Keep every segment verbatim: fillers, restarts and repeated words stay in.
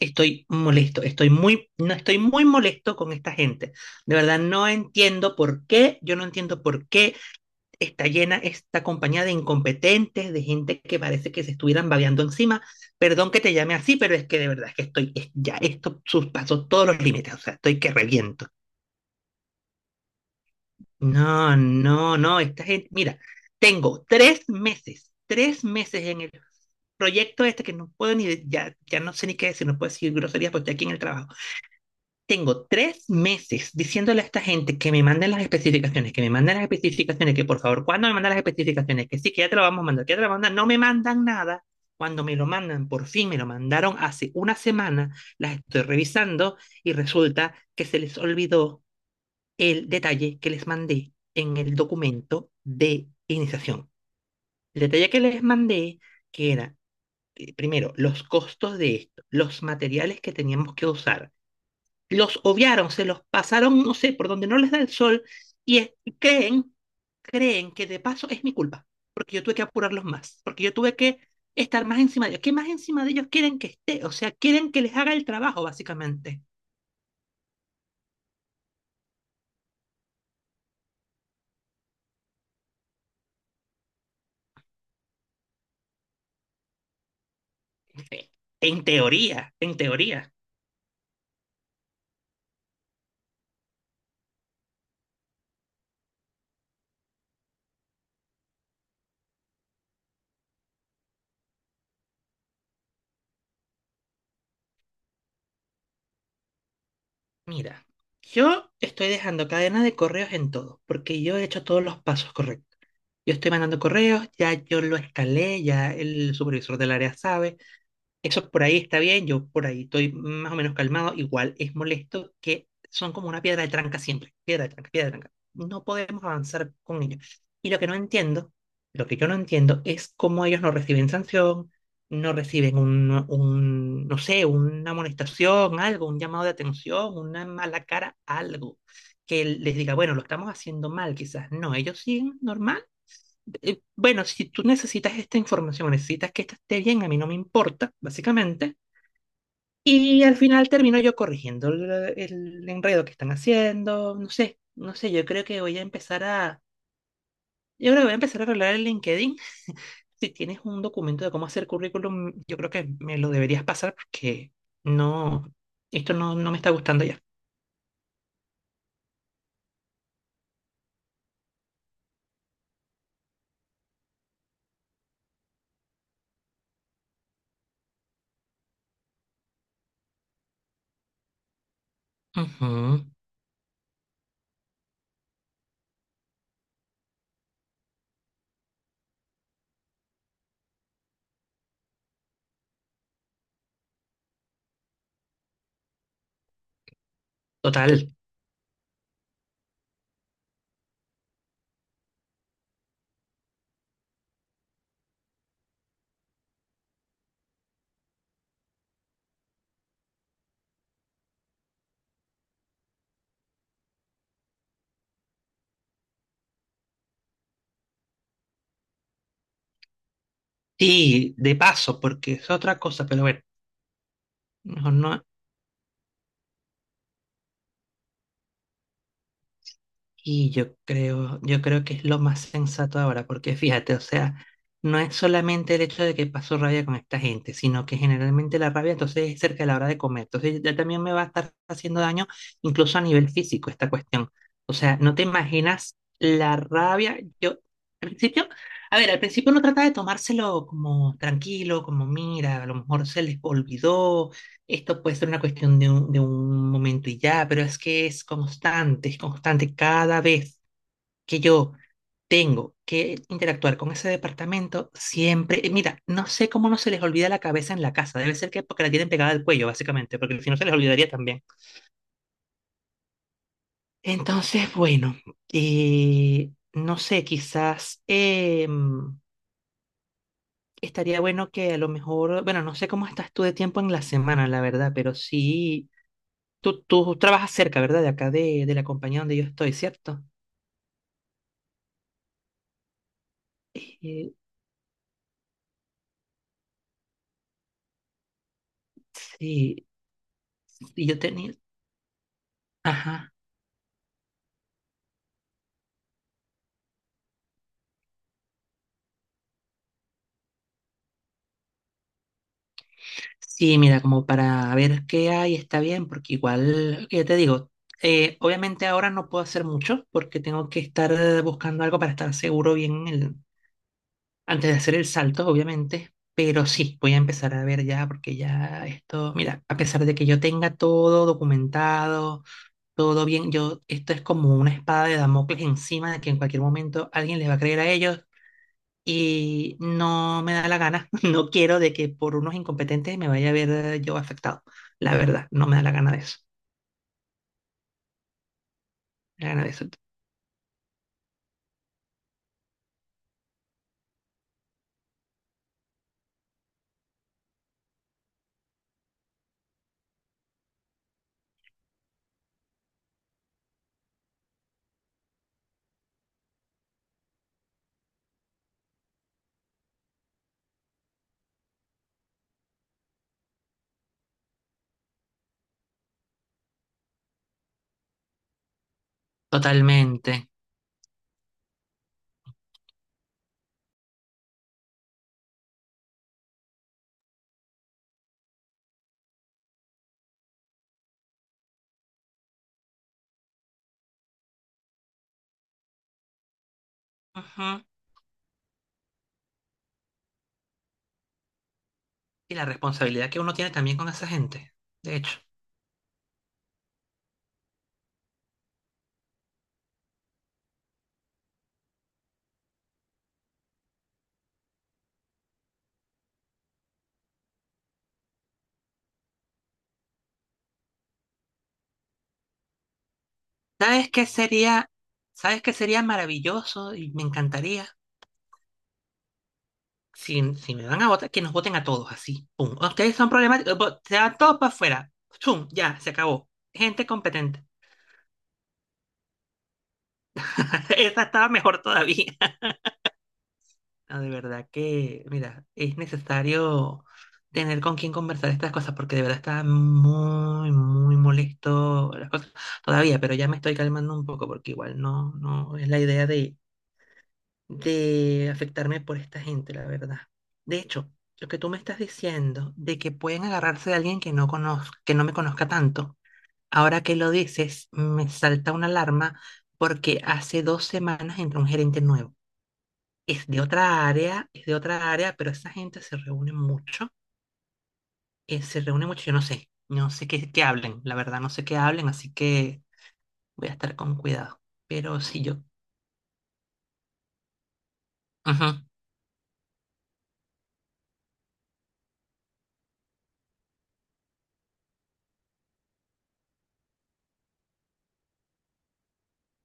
Estoy molesto, estoy muy, no, estoy muy molesto con esta gente. De verdad, no entiendo por qué, yo no entiendo por qué está llena esta compañía de incompetentes, de gente que parece que se estuvieran babeando encima. Perdón que te llame así, pero es que de verdad es que estoy, es- ya esto sus- pasó todos los límites, o sea, estoy que reviento. No, no, no, esta gente, mira, tengo tres meses, tres meses en el proyecto este que no puedo ni, de- ya, ya no sé ni qué decir, no puedo decir groserías porque estoy aquí en el trabajo. Tengo tres meses diciéndole a esta gente que me manden las especificaciones, que me manden las especificaciones, que por favor, ¿cuándo me mandan las especificaciones? Que sí, que ya te lo vamos a mandar, que ya te lo vamos a mandar. No me mandan nada. Cuando me lo mandan, por fin me lo mandaron hace una semana, las estoy revisando y resulta que se les olvidó el detalle que les mandé en el documento de iniciación. El detalle que les mandé, que era, eh, primero, los costos de esto, los materiales que teníamos que usar, los obviaron, se los pasaron, no sé, por donde no les da el sol, y es- y creen, creen que de paso es mi culpa, porque yo tuve que apurarlos más, porque yo tuve que estar más encima de ellos. ¿Qué más encima de ellos quieren que esté? O sea, quieren que les haga el trabajo, básicamente. Eh, En teoría, en teoría. Mira, yo estoy dejando cadena de correos en todo, porque yo he hecho todos los pasos correctos. Yo estoy mandando correos, ya yo lo escalé, ya el supervisor del área sabe. Eso por ahí está bien, yo por ahí estoy más o menos calmado. Igual es molesto que son como una piedra de tranca siempre. Piedra de tranca, piedra de tranca. No podemos avanzar con ellos. Y lo que no entiendo, lo que yo no entiendo es cómo ellos no reciben sanción, no reciben un, un, no sé, una amonestación, algo, un llamado de atención, una mala cara, algo. Que les diga, bueno, lo estamos haciendo mal, quizás. No, ellos siguen normal, eh, bueno, si tú necesitas esta información, necesitas que esta esté bien, a mí no me importa, básicamente. Y al final termino yo corrigiendo el, el enredo que están haciendo, no sé, no sé, yo creo que voy a empezar a, yo creo que voy a empezar a arreglar el LinkedIn. Si tienes un documento de cómo hacer currículum, yo creo que me lo deberías pasar porque no, esto no, no me está gustando ya. Ujú, total. Sí, de paso, porque es otra cosa, pero bueno, mejor no, y yo creo, yo creo que es lo más sensato ahora, porque fíjate, o sea, no es solamente el hecho de que paso rabia con esta gente, sino que generalmente la rabia entonces es cerca de la hora de comer. Entonces ya también me va a estar haciendo daño, incluso a nivel físico, esta cuestión. O sea, no te imaginas la rabia. Yo, al principio, a ver, al principio uno trata de tomárselo como tranquilo, como mira, a lo mejor se les olvidó, esto puede ser una cuestión de un, de un momento y ya, pero es que es constante, es constante. Cada vez que yo tengo que interactuar con ese departamento, siempre, eh, mira, no sé cómo no se les olvida la cabeza en la casa. Debe ser que porque la tienen pegada al cuello, básicamente, porque si no se les olvidaría también. Entonces, bueno, eh, no sé, quizás em, estaría bueno que a lo mejor, bueno, no sé cómo estás tú de tiempo en la semana, la verdad, pero sí. Tú, tú trabajas cerca, ¿verdad? De acá, de, de la compañía donde yo estoy, ¿cierto? Eh, sí, y yo tenía... Ajá. Sí, mira, como para ver qué hay, está bien, porque igual, ya te digo, eh, obviamente ahora no puedo hacer mucho porque tengo que estar eh, buscando algo para estar seguro bien el- antes de hacer el salto, obviamente, pero sí, voy a empezar a ver ya porque ya esto, mira, a pesar de que yo tenga todo documentado, todo bien. Yo, esto es como una espada de Damocles encima de que en cualquier momento alguien les va a creer a ellos y no me da la gana. No quiero de que por unos incompetentes me vaya a ver eh, yo afectado. La verdad, no me da la gana de eso. La gana de eso. Totalmente. Ujú. Y la responsabilidad que uno tiene también con esa gente, de hecho. ¿Sabes qué sería, sabes qué sería maravilloso y me encantaría? Si, si me van a votar, que nos voten a todos, así. Pum. Ah, ustedes son problemáticos, vo- se van todos para afuera. Pum, ya, se acabó. Gente competente. Esa estaba mejor todavía. No, de verdad que, mira, es necesario tener con quién conversar estas cosas, porque de verdad está muy, muy molesto las cosas todavía, pero ya me estoy calmando un poco, porque igual no, no es la idea de de afectarme por esta gente, la verdad. De hecho, lo que tú me estás diciendo de que pueden agarrarse de alguien que no conozca, que no me conozca tanto, ahora que lo dices, me salta una alarma porque hace dos semanas entró un gerente nuevo. Es de otra área, es de otra área, pero esa gente se reúne mucho, eh, se reúne mucho, yo no sé, no sé qué, qué hablen, la verdad no sé qué hablen, así que voy a estar con cuidado. Pero si yo... Ujú,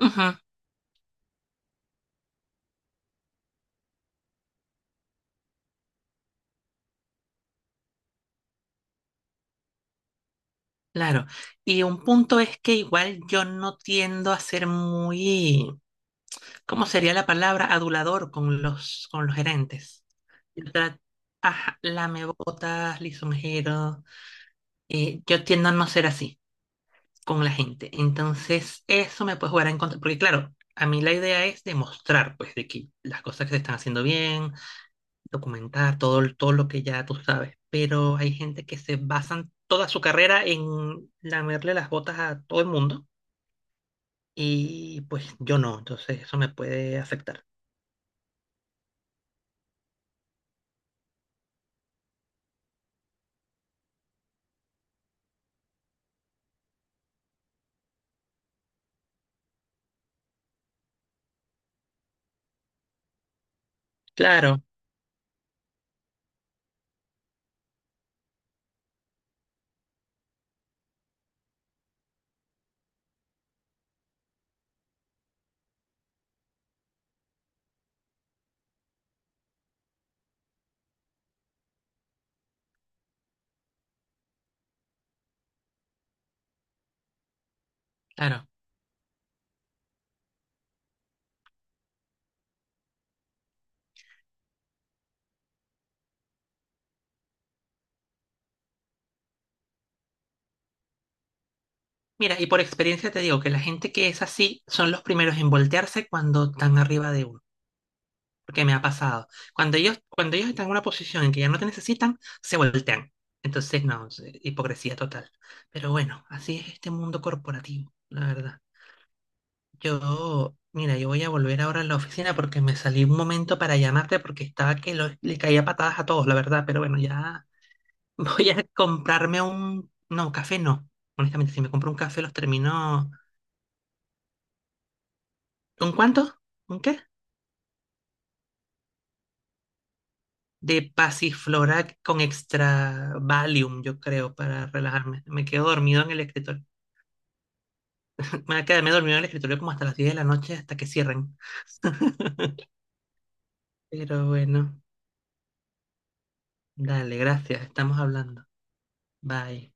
ujú. Claro, y un punto es que igual yo no tiendo a ser muy, ¿cómo sería la palabra? Adulador con los, con los gerentes. Yo tra- ajá, lamebotas, lisonjero, eh, yo tiendo a no ser así con la gente. Entonces, eso me puede jugar en contra, porque claro, a mí la idea es demostrar, pues, de que las cosas que se están haciendo bien, documentar todo, el- todo lo que ya tú sabes, pero hay gente que se basan toda su carrera en lamerle las botas a todo el mundo. Y pues yo no, entonces eso me puede afectar. Claro, claro. Mira, y por experiencia te digo que la gente que es así son los primeros en voltearse cuando están arriba de uno, porque me ha pasado. Cuando ellos, cuando ellos están en una posición en que ya no te necesitan, se voltean. Entonces, no, es, eh, hipocresía total. Pero bueno, así es este mundo corporativo, la verdad. Yo, mira, yo voy a volver ahora a la oficina porque me salí un momento para llamarte porque estaba que lo- le caía patadas a todos, la verdad, pero bueno, ya. Voy a comprarme un, no, café no. Honestamente, si me compro un café los termino. ¿Un cuánto? ¿Un qué? De pasiflora con extra Valium, yo creo, para relajarme. Me quedo dormido en el escritorio. Me quedé dormido en el escritorio como hasta las diez de la noche, hasta que cierren. Pero bueno, dale, gracias. Estamos hablando. Bye.